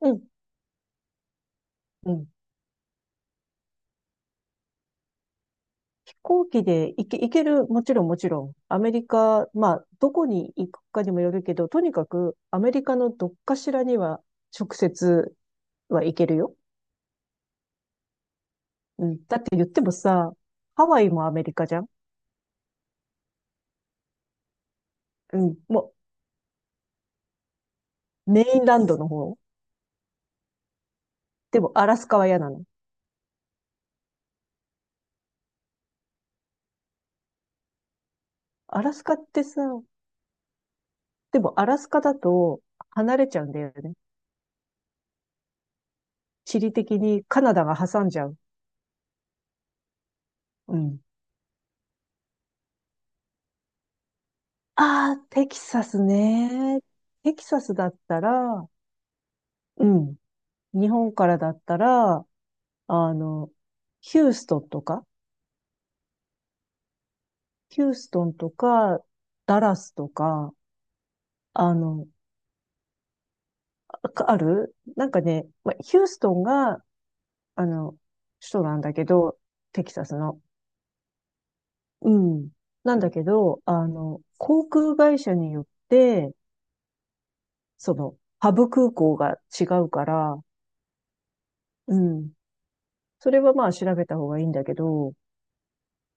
うん。うん飛行機で行ける、もちろん。アメリカ、まあ、どこに行くかにもよるけど、とにかくアメリカのどっかしらには直接は行けるよ。うん。だって言ってもさ、ハワイもアメリカじゃん。うん。もう、メインランドの方。でも、アラスカは嫌なの。アラスカってさ、でもアラスカだと離れちゃうんだよね。地理的にカナダが挟んじゃう。うん。ああ、テキサスね。テキサスだったら、うん。日本からだったら、あの、ヒューストンとか、ヒューストンとか、ダラスとか、あの、あるなんかね、まあ、ヒューストンが、あの、首都なんだけど、テキサスの。うん。なんだけど、航空会社によって、ハブ空港が違うから、うん。それはまあ調べた方がいいんだけど、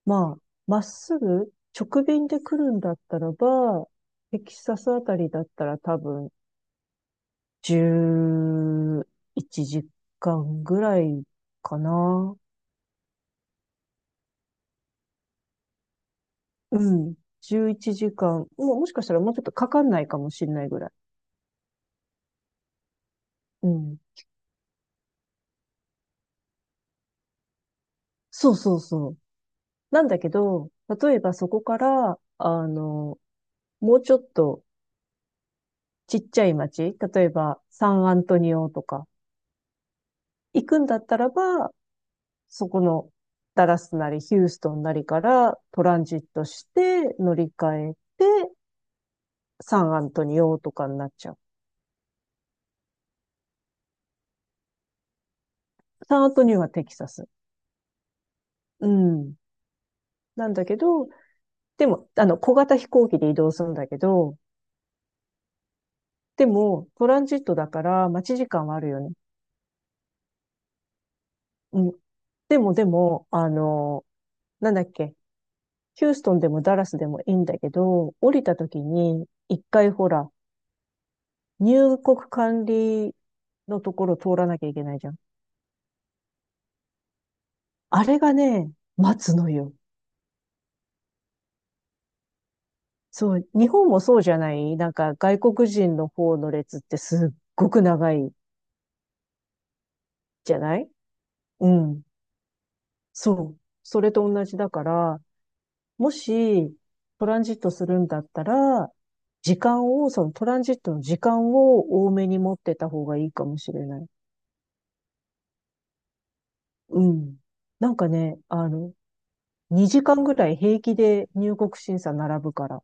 まあ、まっすぐ直便で来るんだったらば、テキサスあたりだったら多分11時間ぐらいかな。うん。11時間。もしかしたらもうちょっとかかんないかもしれないぐらい。うん。そうそうそう。なんだけど、例えばそこから、もうちょっとちっちゃい町、例えばサンアントニオとか、行くんだったらば、そこのダラスなりヒューストンなりからトランジットして乗り換えてサンアントニオとかになっちゃう。サンアントニオはテキサス。うん。なんだけど、小型飛行機で移動するんだけど、でも、トランジットだから待ち時間はあるよね。うん。でも、なんだっけ、ヒューストンでもダラスでもいいんだけど、降りた時に、一回ほら、入国管理のところ通らなきゃいけないじゃん。あれがね、待つのよ。そう、日本もそうじゃない、なんか外国人の方の列ってすっごく長いじゃない。うん。そう。それと同じだから、もしトランジットするんだったら、時間を、そのトランジットの時間を多めに持ってた方がいいかもしれない。うん。なんかね、あの、2時間ぐらい平気で入国審査並ぶから。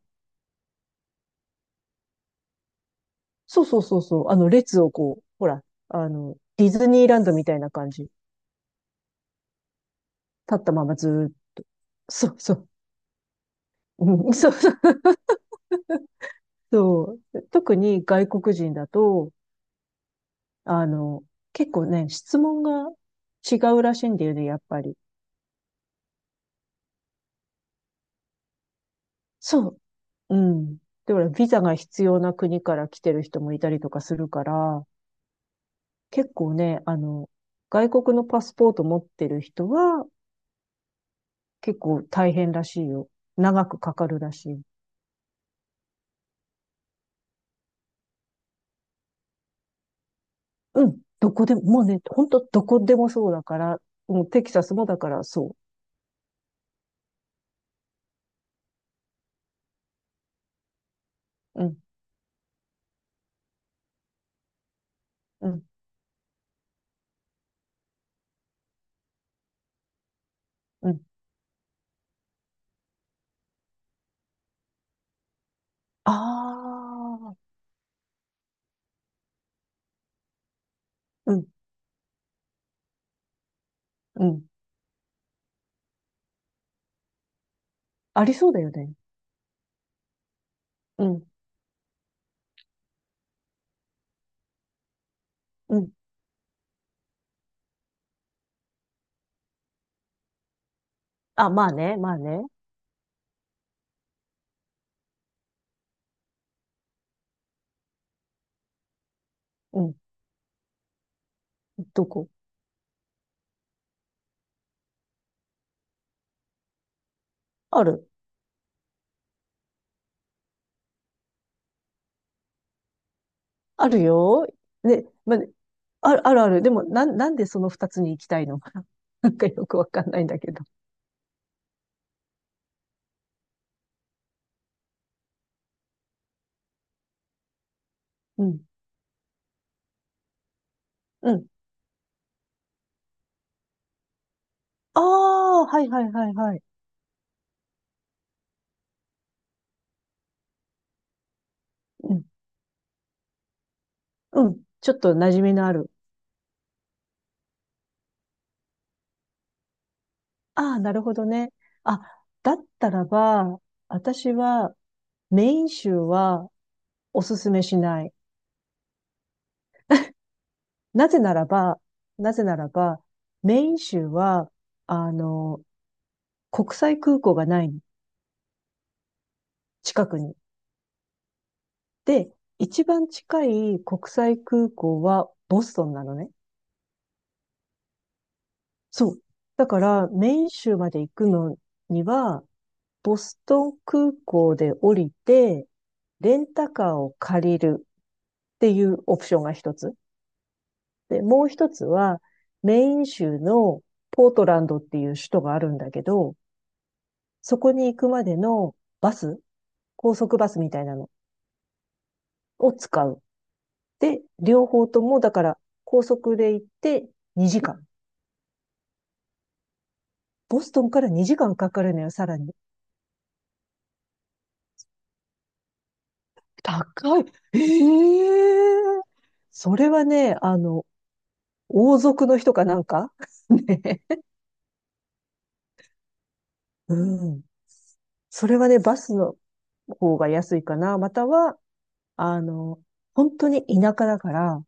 そうそうそうそう。列をこう、ほら、ディズニーランドみたいな感じ。立ったままずーっと、そうそう。うん、そうそう。そう、特に外国人だと、あの、結構ね、質問が違うらしいんだよね、やっぱり。そう。うん。で、ほら、ビザが必要な国から来てる人もいたりとかするから、結構ね、外国のパスポート持ってる人は結構大変らしいよ。長くかかるらしい。うん。どこでも、もうね、ほんとどこでもそうだから、もうテキサスもだからそう。うん、うん、うん。ああ、うん、うん。ありそうだよね。うん、うん。あ、まあね、まあね。うん。どこあるあるよ。ね、まあね、あるある。でも、なんでその二つに行きたいの？ なんかよくわかんないんだけど。うん、うん。ああ、はいはいはいはい。うん、うん。ちょっと馴染みのある。ああ、なるほどね。あ、だったらば、私はメイン州はおすすめしない。なぜならば、なぜならば、メイン州は、あの、国際空港がないの、近くに。で、一番近い国際空港はボストンなのね。そう。だから、メイン州まで行くのには、ボストン空港で降りて、レンタカーを借りるっていうオプションが一つ。で、もう一つは、メイン州のポートランドっていう首都があるんだけど、そこに行くまでのバス、高速バスみたいなのを使う。で、両方とも、だから、高速で行って2時間。ボストンから2時間かかるのよ、さらに。高い。ええそれはね、王族の人かなんか ね。うん。それはね、バスの方が安いかな。または、あの、本当に田舎だから、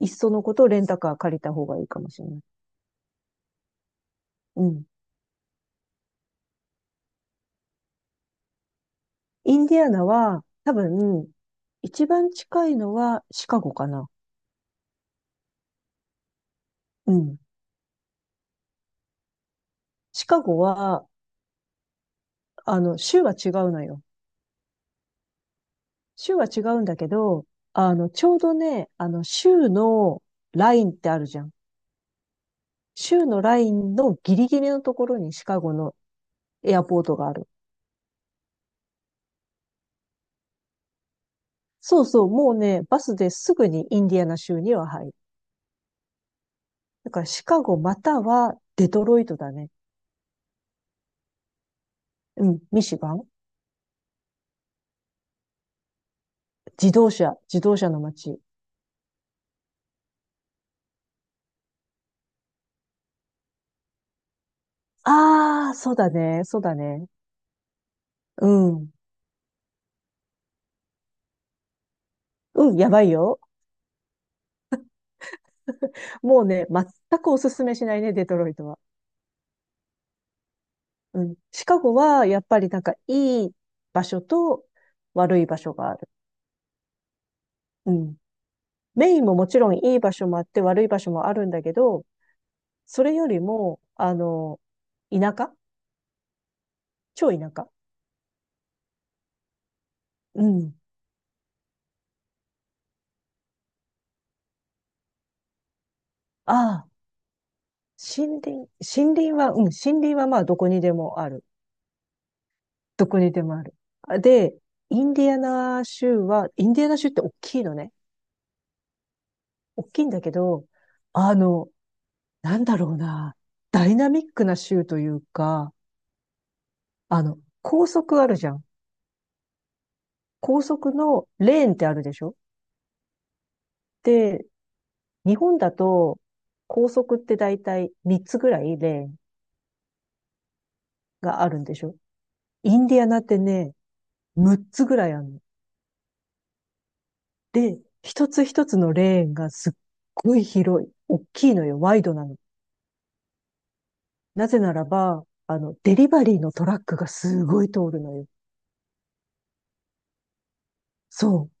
いっそのことレンタカー借りた方がいいかもしれない。うん。インディアナは、多分、一番近いのはシカゴかな。うん。シカゴは、州は違うのよ。週は違うんだけど、あの、ちょうどね、あの、週のラインってあるじゃん。週のラインのギリギリのところにシカゴのエアポートがある。そうそう、もうね、バスですぐにインディアナ州には入る。だからシカゴまたはデトロイトだね。うん、ミシガン。自動車の街。ああ、そうだね、そうだね。うん。うん、やばいよ。もうね、全くおすすめしないね、デトロイトは。うん。シカゴは、やっぱりなんか、いい場所と悪い場所がある。うん。メインももちろんいい場所もあって悪い場所もあるんだけど、それよりも、田舎、超田舎。うん。ああ、森林は、うん、森林はまあどこにでもある。どこにでもある。で、インディアナ州って大きいのね。大きいんだけど、あの、なんだろうな、ダイナミックな州というか、高速あるじゃん。高速のレーンってあるでしょ？で、日本だと高速ってだいたい3つぐらいレーンがあるんでしょ？インディアナってね、6つぐらいあるの。で、一つ一つのレーンがすっごい広い。大きいのよ。ワイドなの。なぜならば、デリバリーのトラックがすごい通るのよ。そう。